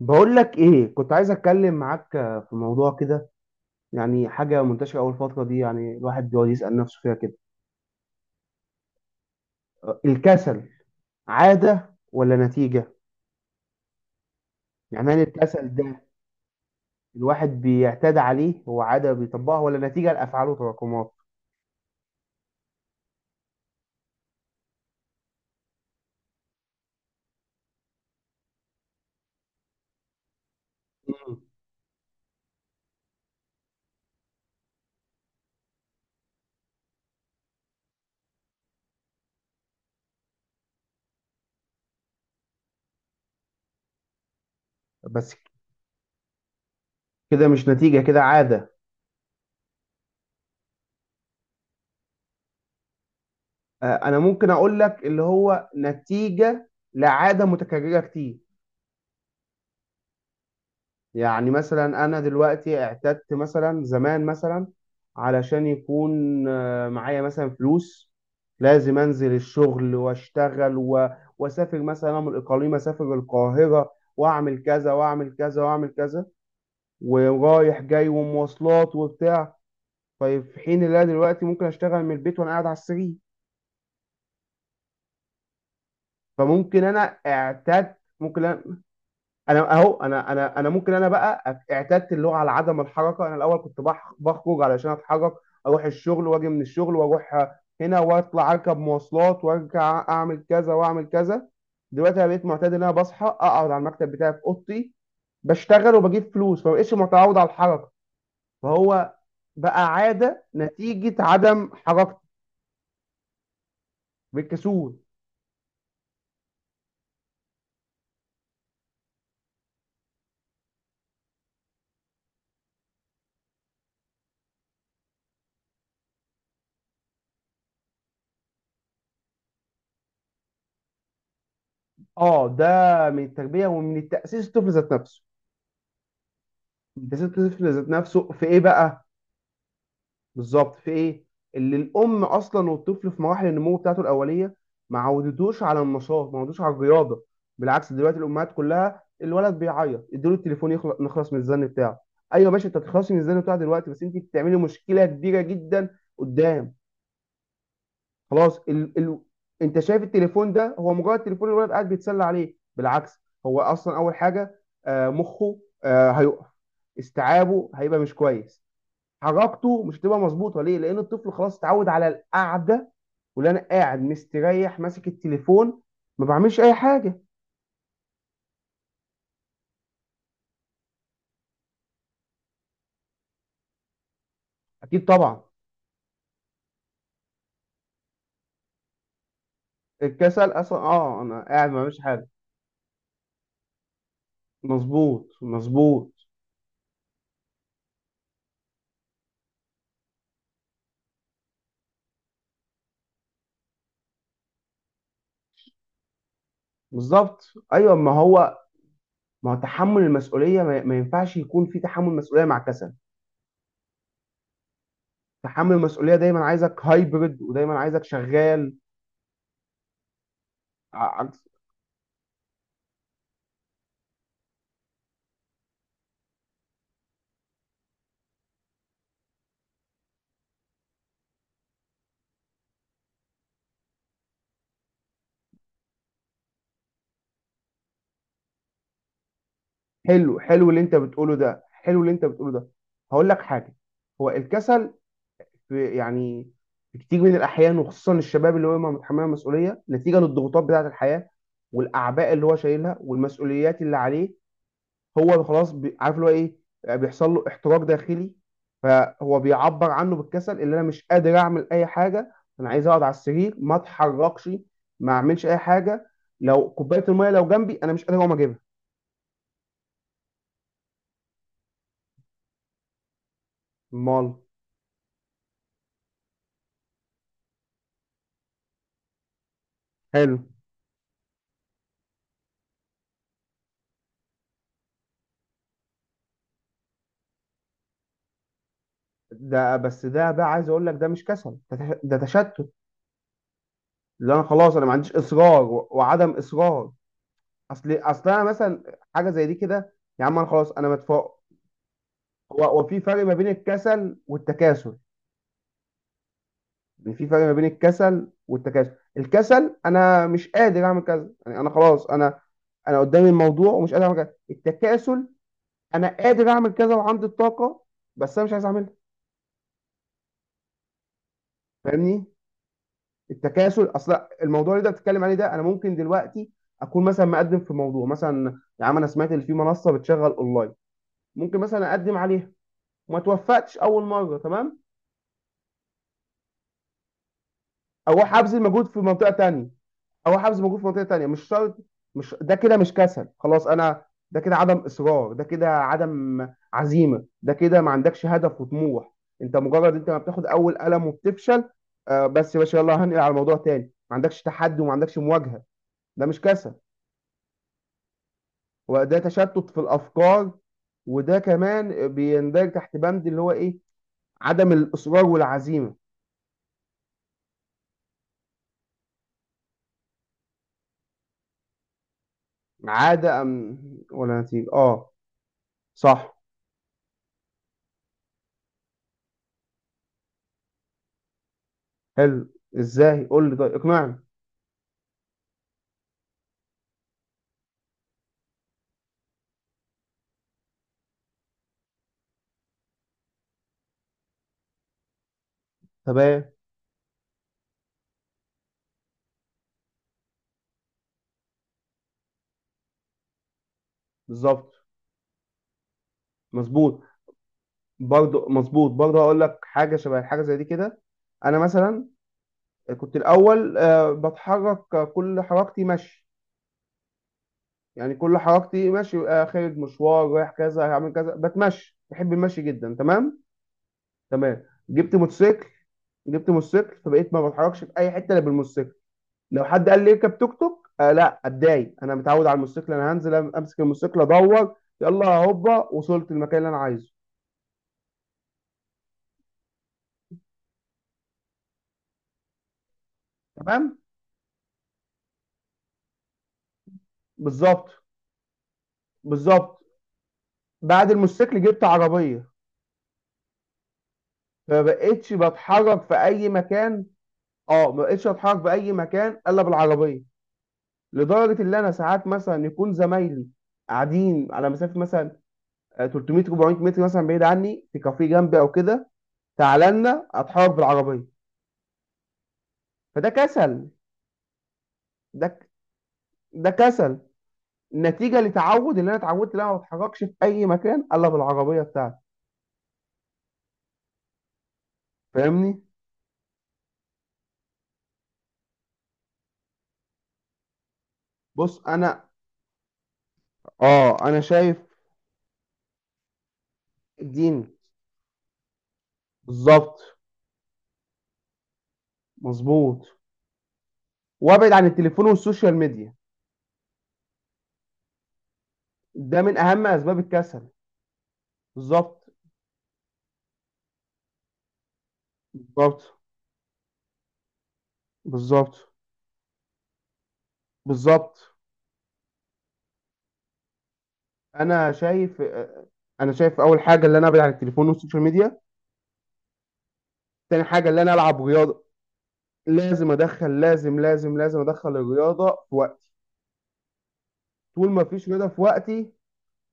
بقول لك ايه، كنت عايز اتكلم معاك في موضوع كده. يعني حاجه منتشره اول فتره دي، يعني الواحد بيقعد يسال نفسه فيها كده، الكسل عاده ولا نتيجه؟ يعني هل الكسل ده الواحد بيعتاد عليه، هو عاده بيطبقها ولا نتيجه لافعاله وتراكمات؟ مم. بس كده مش نتيجه، كده عاده. انا ممكن اقول لك اللي هو نتيجه لعاده متكرره كتير. يعني مثلا انا دلوقتي اعتدت، مثلا زمان مثلا علشان يكون معايا مثلا فلوس لازم انزل الشغل واشتغل واسافر، مثلا أنا من الاقاليم اسافر القاهره، واعمل كذا واعمل كذا واعمل كذا، ورايح جاي ومواصلات وبتاع. طيب في حين اللي انا دلوقتي ممكن اشتغل من البيت وانا قاعد على السرير. فممكن انا اعتدت، ممكن انا ممكن انا بقى اعتدت اللغه على عدم الحركه. انا الاول كنت بخرج علشان اتحرك، اروح الشغل واجي من الشغل واروح هنا واطلع اركب مواصلات وارجع اعمل كذا واعمل كذا. دلوقتي انا بقيت معتاد ان انا بصحى اقعد على المكتب بتاعي في اوضتي بشتغل وبجيب فلوس، فما بقتش متعود على الحركه. فهو بقى عاده نتيجه عدم حركتي، بالكسول. اه، ده من التربيه ومن التاسيس، الطفل ذات نفسه. تاسيس الطفل ذات نفسه في ايه بقى؟ بالظبط، في ايه؟ اللي الام اصلا والطفل في مراحل النمو بتاعته الاوليه ما عودتوش على النشاط، ما عودتوش على الرياضه. بالعكس، دلوقتي الامهات كلها الولد بيعيط اديله التليفون يخلص، نخلص من الزن بتاعه. ايوه، ماشي، انت تخلصي من الزن بتاعه دلوقتي، بس انت بتعملي مشكله كبيره جدا قدام. خلاص انت شايف التليفون ده هو مجرد تليفون الولد قاعد بيتسلى عليه، بالعكس هو اصلا اول حاجه مخه هيقف. استيعابه هيبقى مش كويس، حركته مش هتبقى مظبوطه. ليه؟ لان الطفل خلاص اتعود على القعده، واللي انا قاعد مستريح ماسك التليفون ما بعملش اي حاجه. اكيد طبعا، الكسل اصلا اه انا قاعد ما بعملش حاجه. مظبوط، مظبوط. بالظبط، ايوه ما هو. ما هو تحمل المسؤوليه ما ينفعش يكون في تحمل مسؤوليه مع كسل. تحمل المسؤوليه دايما عايزك هايبرد ودايما عايزك شغال. عكس. حلو حلو اللي انت بتقوله ده حلو اللي انت بتقوله ده. هقول لك حاجه، هو الكسل في، يعني في كتير من الأحيان، وخصوصا الشباب اللي هو متحملها مسؤولية، نتيجة للضغوطات بتاعة الحياة والأعباء اللي هو شايلها والمسؤوليات اللي عليه، هو خلاص عارف اللي هو إيه، بيحصل له احتراق داخلي. فهو بيعبر عنه بالكسل، اللي أنا مش قادر أعمل أي حاجة، أنا عايز أقعد على السرير ما أتحركش، ما أعملش أي حاجة، لو كوباية المية لو جنبي أنا مش قادر أقوم أجيبها. مال، حلو ده. بس ده بقى عايز أقول لك ده مش كسل، ده تشتت، اللي انا خلاص انا ما عنديش اصرار وعدم اصرار. اصل انا مثلا حاجه زي دي كده، يا عم انا خلاص انا متفوق. هو في فرق ما بين الكسل والتكاسل. يعني في فرق ما بين الكسل والتكاسل، الكسل انا مش قادر اعمل كذا، يعني انا خلاص، انا انا قدامي الموضوع ومش قادر اعمل كذا. التكاسل انا قادر اعمل كذا وعندي الطاقه بس انا مش عايز اعملها. فاهمني؟ التكاسل اصل الموضوع اللي انت بتتكلم عليه ده، انا ممكن دلوقتي اكون مثلا مقدم في موضوع، مثلا يا عم انا سمعت ان في منصه بتشغل اونلاين ممكن مثلا اقدم عليها وما توفقتش اول مره. تمام، اروح ابذل مجهود في منطقه تانية اروح ابذل مجهود في منطقه تانية، مش شرط. مش ده كده مش كسل خلاص، انا ده كده عدم اصرار، ده كده عدم عزيمه، ده كده ما عندكش هدف وطموح. انت مجرد انت ما بتاخد اول قلم وبتفشل، آه بس يا باشا يلا هنقل على موضوع تاني. ما عندكش تحدي وما عندكش مواجهه، ده مش كسل، وده تشتت في الافكار. وده كمان بيندرج تحت بند اللي هو ايه، عدم الاصرار والعزيمه. عادة ولا نتيجة؟ اه، صح. حلو، ازاي؟ قول لي طيب، اقنعني. تمام، بالظبط. مظبوط. برضو مظبوط، برضو هقول لك حاجة شبه حاجة زي دي كده. أنا مثلا كنت الأول بتحرك، كل حركتي مشي. يعني كل حركتي مشي، خارج مشوار، رايح كذا، هعمل كذا، بتمشي، بحب المشي جدا. تمام، تمام. جبت موتوسيكل. فبقيت ما بتحركش في أي حتة إلا بالموتوسيكل. لو حد قال لي اركب توك توك، آه لا اتضايق، انا متعود على الموتوسيكل، انا هنزل امسك الموتوسيكل ادور، يلا هوبا وصلت المكان اللي انا عايزه. تمام، بالظبط، بالظبط. بعد الموتوسيكل جبت عربيه، فما بقتش بتحرك في اي مكان اه ما بقتش اتحرك في اي مكان الا بالعربيه. لدرجه ان انا ساعات مثلا يكون زمايلي قاعدين على مسافه مثلا 300 400 متر مثلا بعيد عني في كافيه جنبي او كده، تعالى لنا، اتحرك بالعربيه. فده كسل. ده، كسل نتيجه لتعود، اللي انا اتعودت ان انا ما بتحركش في اي مكان الا بالعربيه بتاعتي. فاهمني؟ بص انا، شايف الدين. بالظبط، مظبوط. وابعد عن التليفون والسوشيال ميديا، ده من اهم اسباب الكسل. بالظبط، بالظبط، بالظبط، بالظبط. انا شايف انا شايف اول حاجه اللي انا ابعد عن التليفون والسوشيال ميديا. تاني حاجه اللي انا العب رياضه، لازم ادخل، لازم لازم لازم ادخل الرياضه في وقتي. طول ما فيش رياضه في وقتي،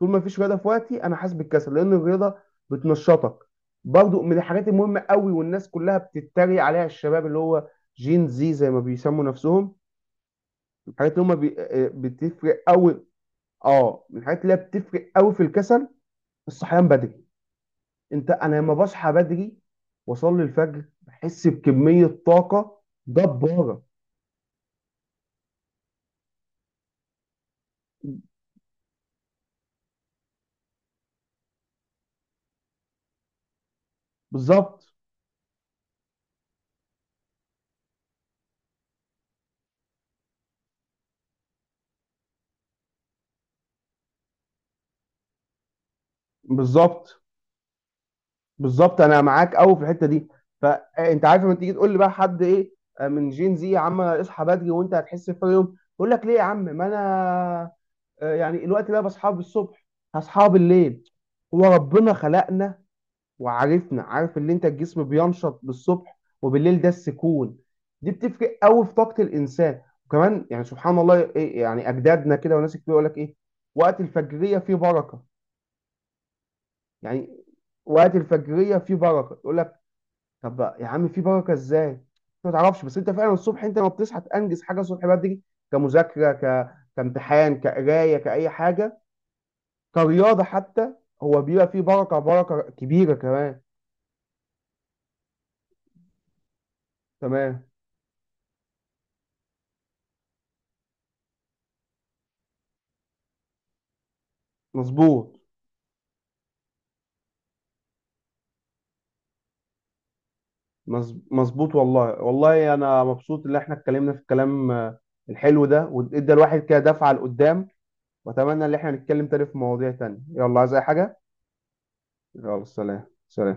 انا حاسس بالكسل، لان الرياضه بتنشطك. برضو من الحاجات المهمه قوي، والناس كلها بتتريق عليها، الشباب اللي هو جين زي ما بيسموا نفسهم، الحاجات اللي هم بي... آه، بتفرق قوي. اه، من الحاجات اللي هي بتفرق قوي في الكسل الصحيان بدري. انت انا لما بصحى بدري واصلي الفجر بحس بكميه طاقه جباره. بالظبط، بالظبط، بالظبط. انا معاك قوي في الحته دي. فانت عارف لما تيجي تقول لي بقى حد ايه، من جين زي، يا عم اصحى بدري وانت هتحس بفرق يوم. يقول لك ليه يا عم، ما انا يعني الوقت ده بصحى الصبح، هصحى بالليل. هو ربنا خلقنا وعارفنا، عارف ان انت الجسم بينشط بالصبح، وبالليل ده السكون. دي بتفرق قوي في طاقه الانسان. وكمان يعني، سبحان الله، إيه يعني، اجدادنا كده وناس كتير يقول لك ايه، وقت الفجريه فيه بركه. يعني وقت الفجريه فيه بركه، يقول لك طب يا عم في بركه ازاي انت ما تعرفش. بس انت فعلا الصبح، انت ما بتصحى تنجز حاجه الصبح بدري، كمذاكره، كامتحان، كقرايه، كاي حاجه، كرياضه حتى، هو بيبقى فيه بركه، بركه كبيره كمان. تمام، مظبوط. مظبوط. والله والله انا مبسوط ان احنا اتكلمنا في الكلام الحلو ده، وادى الواحد كده دفعه لقدام. واتمنى ان احنا نتكلم تاني في مواضيع تانية. يلا، عايز اي حاجه؟ يلا، سلام، سلام.